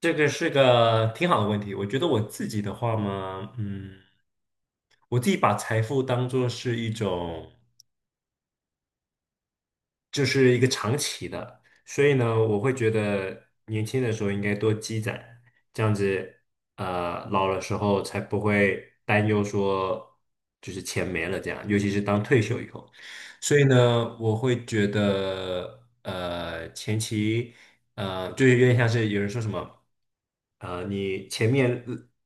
这个是个挺好的问题。我觉得我自己的话嘛，我自己把财富当做是一种。就是一个长期的，所以呢，我会觉得年轻的时候应该多积攒，这样子，老了时候才不会担忧说就是钱没了这样，尤其是当退休以后。所以呢，我会觉得，前期，就是有点像是有人说什么，你前面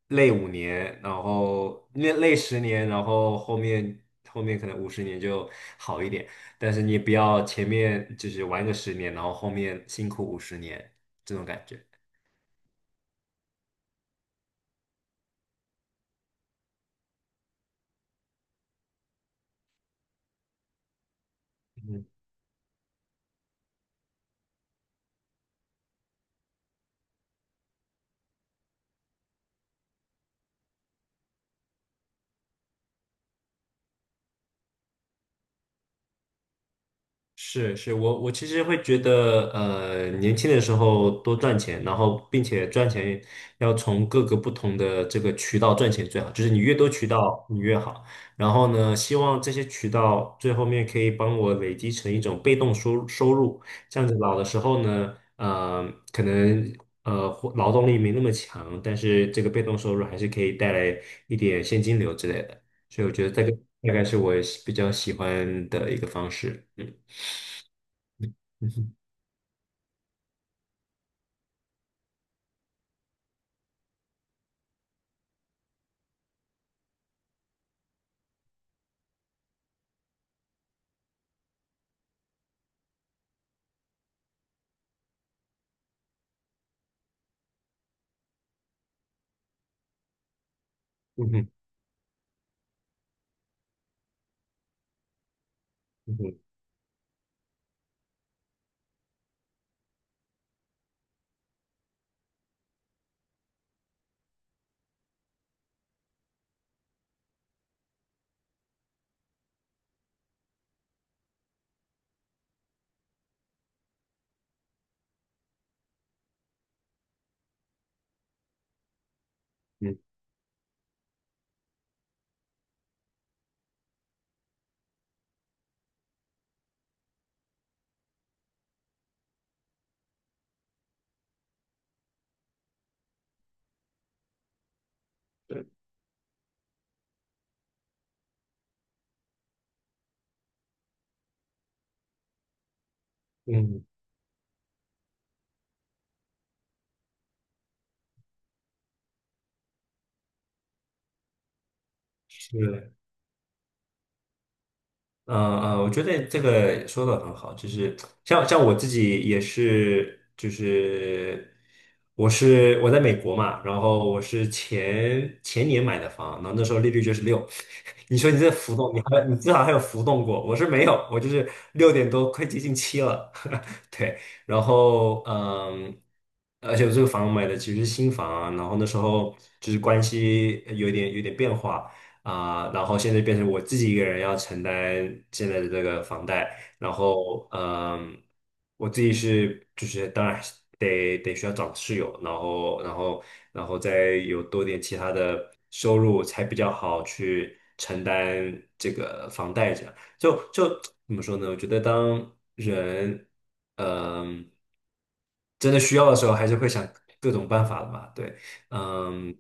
累五年，然后累十年，然后后面可能五十年就好一点。但是你也不要前面就是玩个十年，然后后面辛苦五十年这种感觉。是是，我其实会觉得，年轻的时候多赚钱，然后并且赚钱要从各个不同的这个渠道赚钱最好，就是你越多渠道你越好。然后呢，希望这些渠道最后面可以帮我累积成一种被动收入，这样子老的时候呢，可能活劳动力没那么强，但是这个被动收入还是可以带来一点现金流之类的。所以我觉得这个大概是我比较喜欢的一个方式，嗯。嗯哼，嗯哼，嗯哼，嗯，对，嗯，是。嗯嗯，我觉得这个说的很好，就是像我自己也是，就是我在美国嘛，然后我是前前年买的房，然后那时候利率就是六，你说你这浮动，你至少还有浮动过，我是没有，我就是六点多，快接近七了，对，然后而且我这个房买的其实是新房啊，然后那时候就是关系有一点变化。啊、然后现在变成我自己一个人要承担现在的这个房贷，然后我自己是就是当然是得需要找室友，然后再有多点其他的收入才比较好去承担这个房贷这样，就怎么说呢？我觉得当人嗯、真的需要的时候，还是会想各种办法的嘛，对。嗯，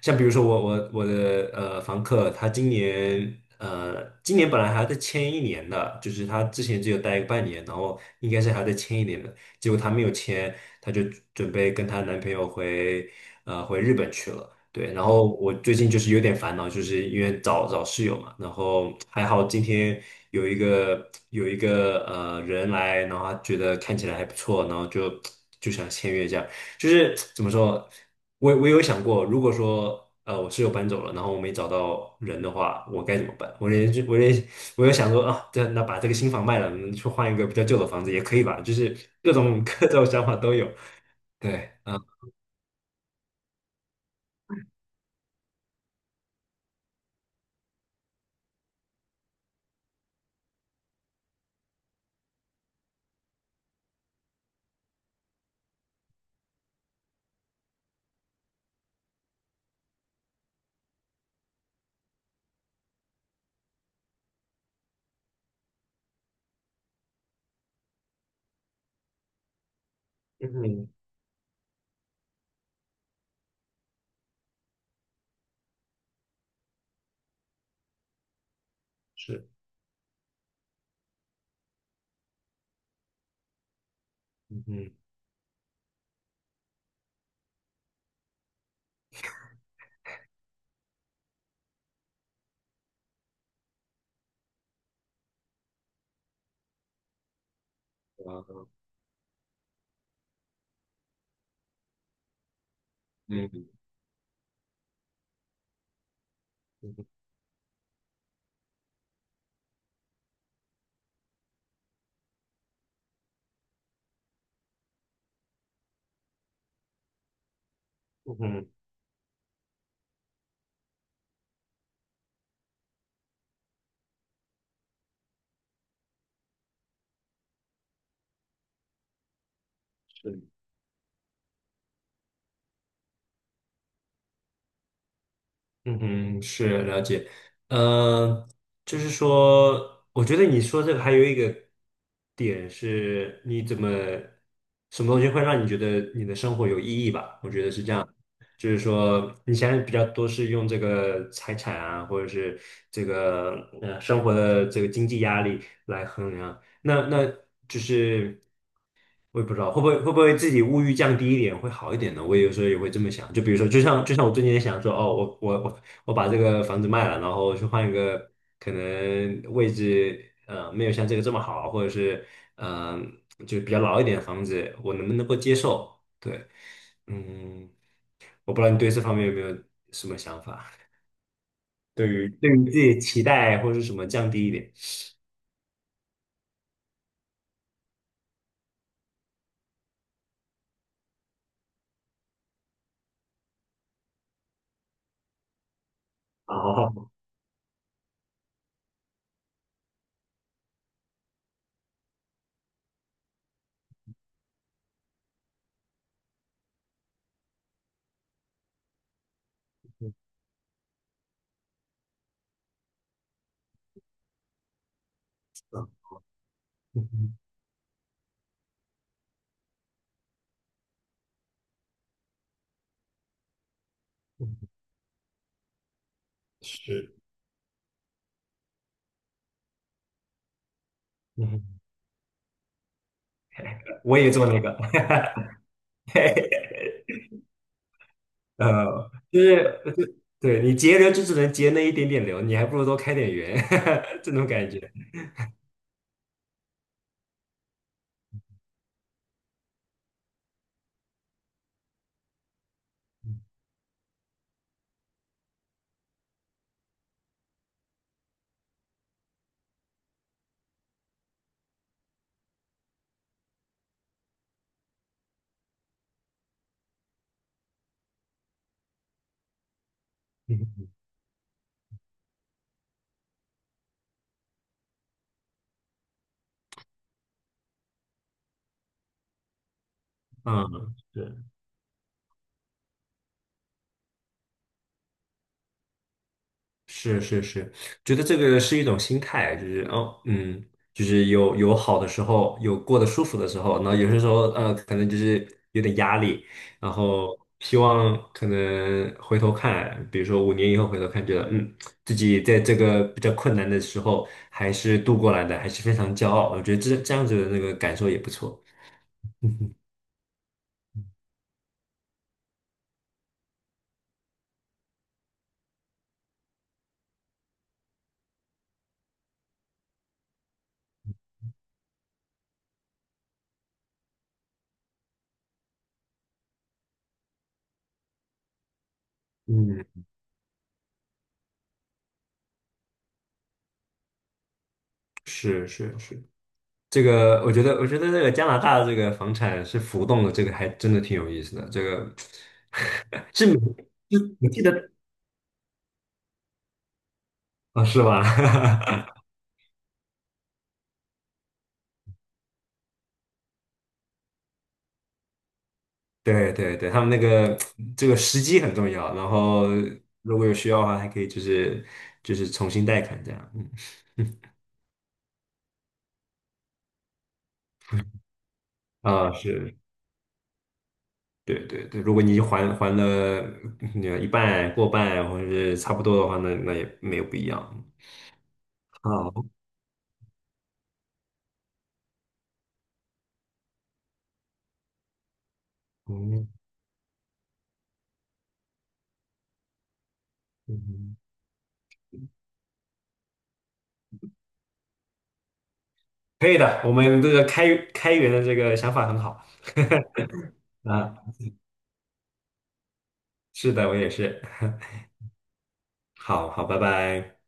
像比如说我的房客，他今年本来还要再签一年的，就是他之前只有待个半年，然后应该是还要再签一年的，结果他没有签，他就准备跟她男朋友回日本去了。对，然后我最近就是有点烦恼，就是因为找找室友嘛，然后还好今天有一个人来，然后他觉得看起来还不错，然后就想签约这样。就是怎么说，我有想过，如果说我室友搬走了，然后我没找到人的话，我该怎么办？我有想说啊，对，那把这个新房卖了，去换一个比较旧的房子也可以吧？就是各种 各种想法都有。对，啊，嗯，是，嗯嗯，啊，嗯嗯嗯。嗯哼，是了解，呃，就是说，我觉得你说这个还有一个点是，你怎么什么东西会让你觉得你的生活有意义吧？我觉得是这样，就是说你现在比较多是用这个财产啊，或者是这个生活的这个经济压力来衡量，那就是。我也不知道会不会自己物欲降低一点会好一点呢？我有时候也会这么想，就比如说，就像我最近也想说，哦，我把这个房子卖了，然后去换一个可能位置，没有像这个这么好，或者是嗯、就比较老一点的房子，我能不能够接受？对，嗯，我不知道你对这方面有没有什么想法？对于自己的期待或者是什么降低一点？哦，是，嗯我也做那个。就是对你节流就只能节那一点点流，你还不如多开点源，这种感觉。嗯，嗯是是是是，觉得这个是一种心态，就是哦，就是有好的时候，有过得舒服的时候，然后有些时候可能就是有点压力，然后希望可能回头看，比如说五年以后回头看，觉得自己在这个比较困难的时候还是度过来的，还是非常骄傲，我觉得这样子的那个感受也不错。嗯，是是是。我觉得这个加拿大的这个房产是浮动的，这个还真的挺有意思的。这个 是每，是我记得啊，是吧？对对对，他们那个这个时机很重要，然后如果有需要的话，还可以就是重新贷款这样。嗯啊，是，对对对，如果你还了一半、过半或者是差不多的话，那也没有不一样。好，嗯嗯。可以的，我们这个开源的这个想法很好啊。是的，我也是。好好，拜拜。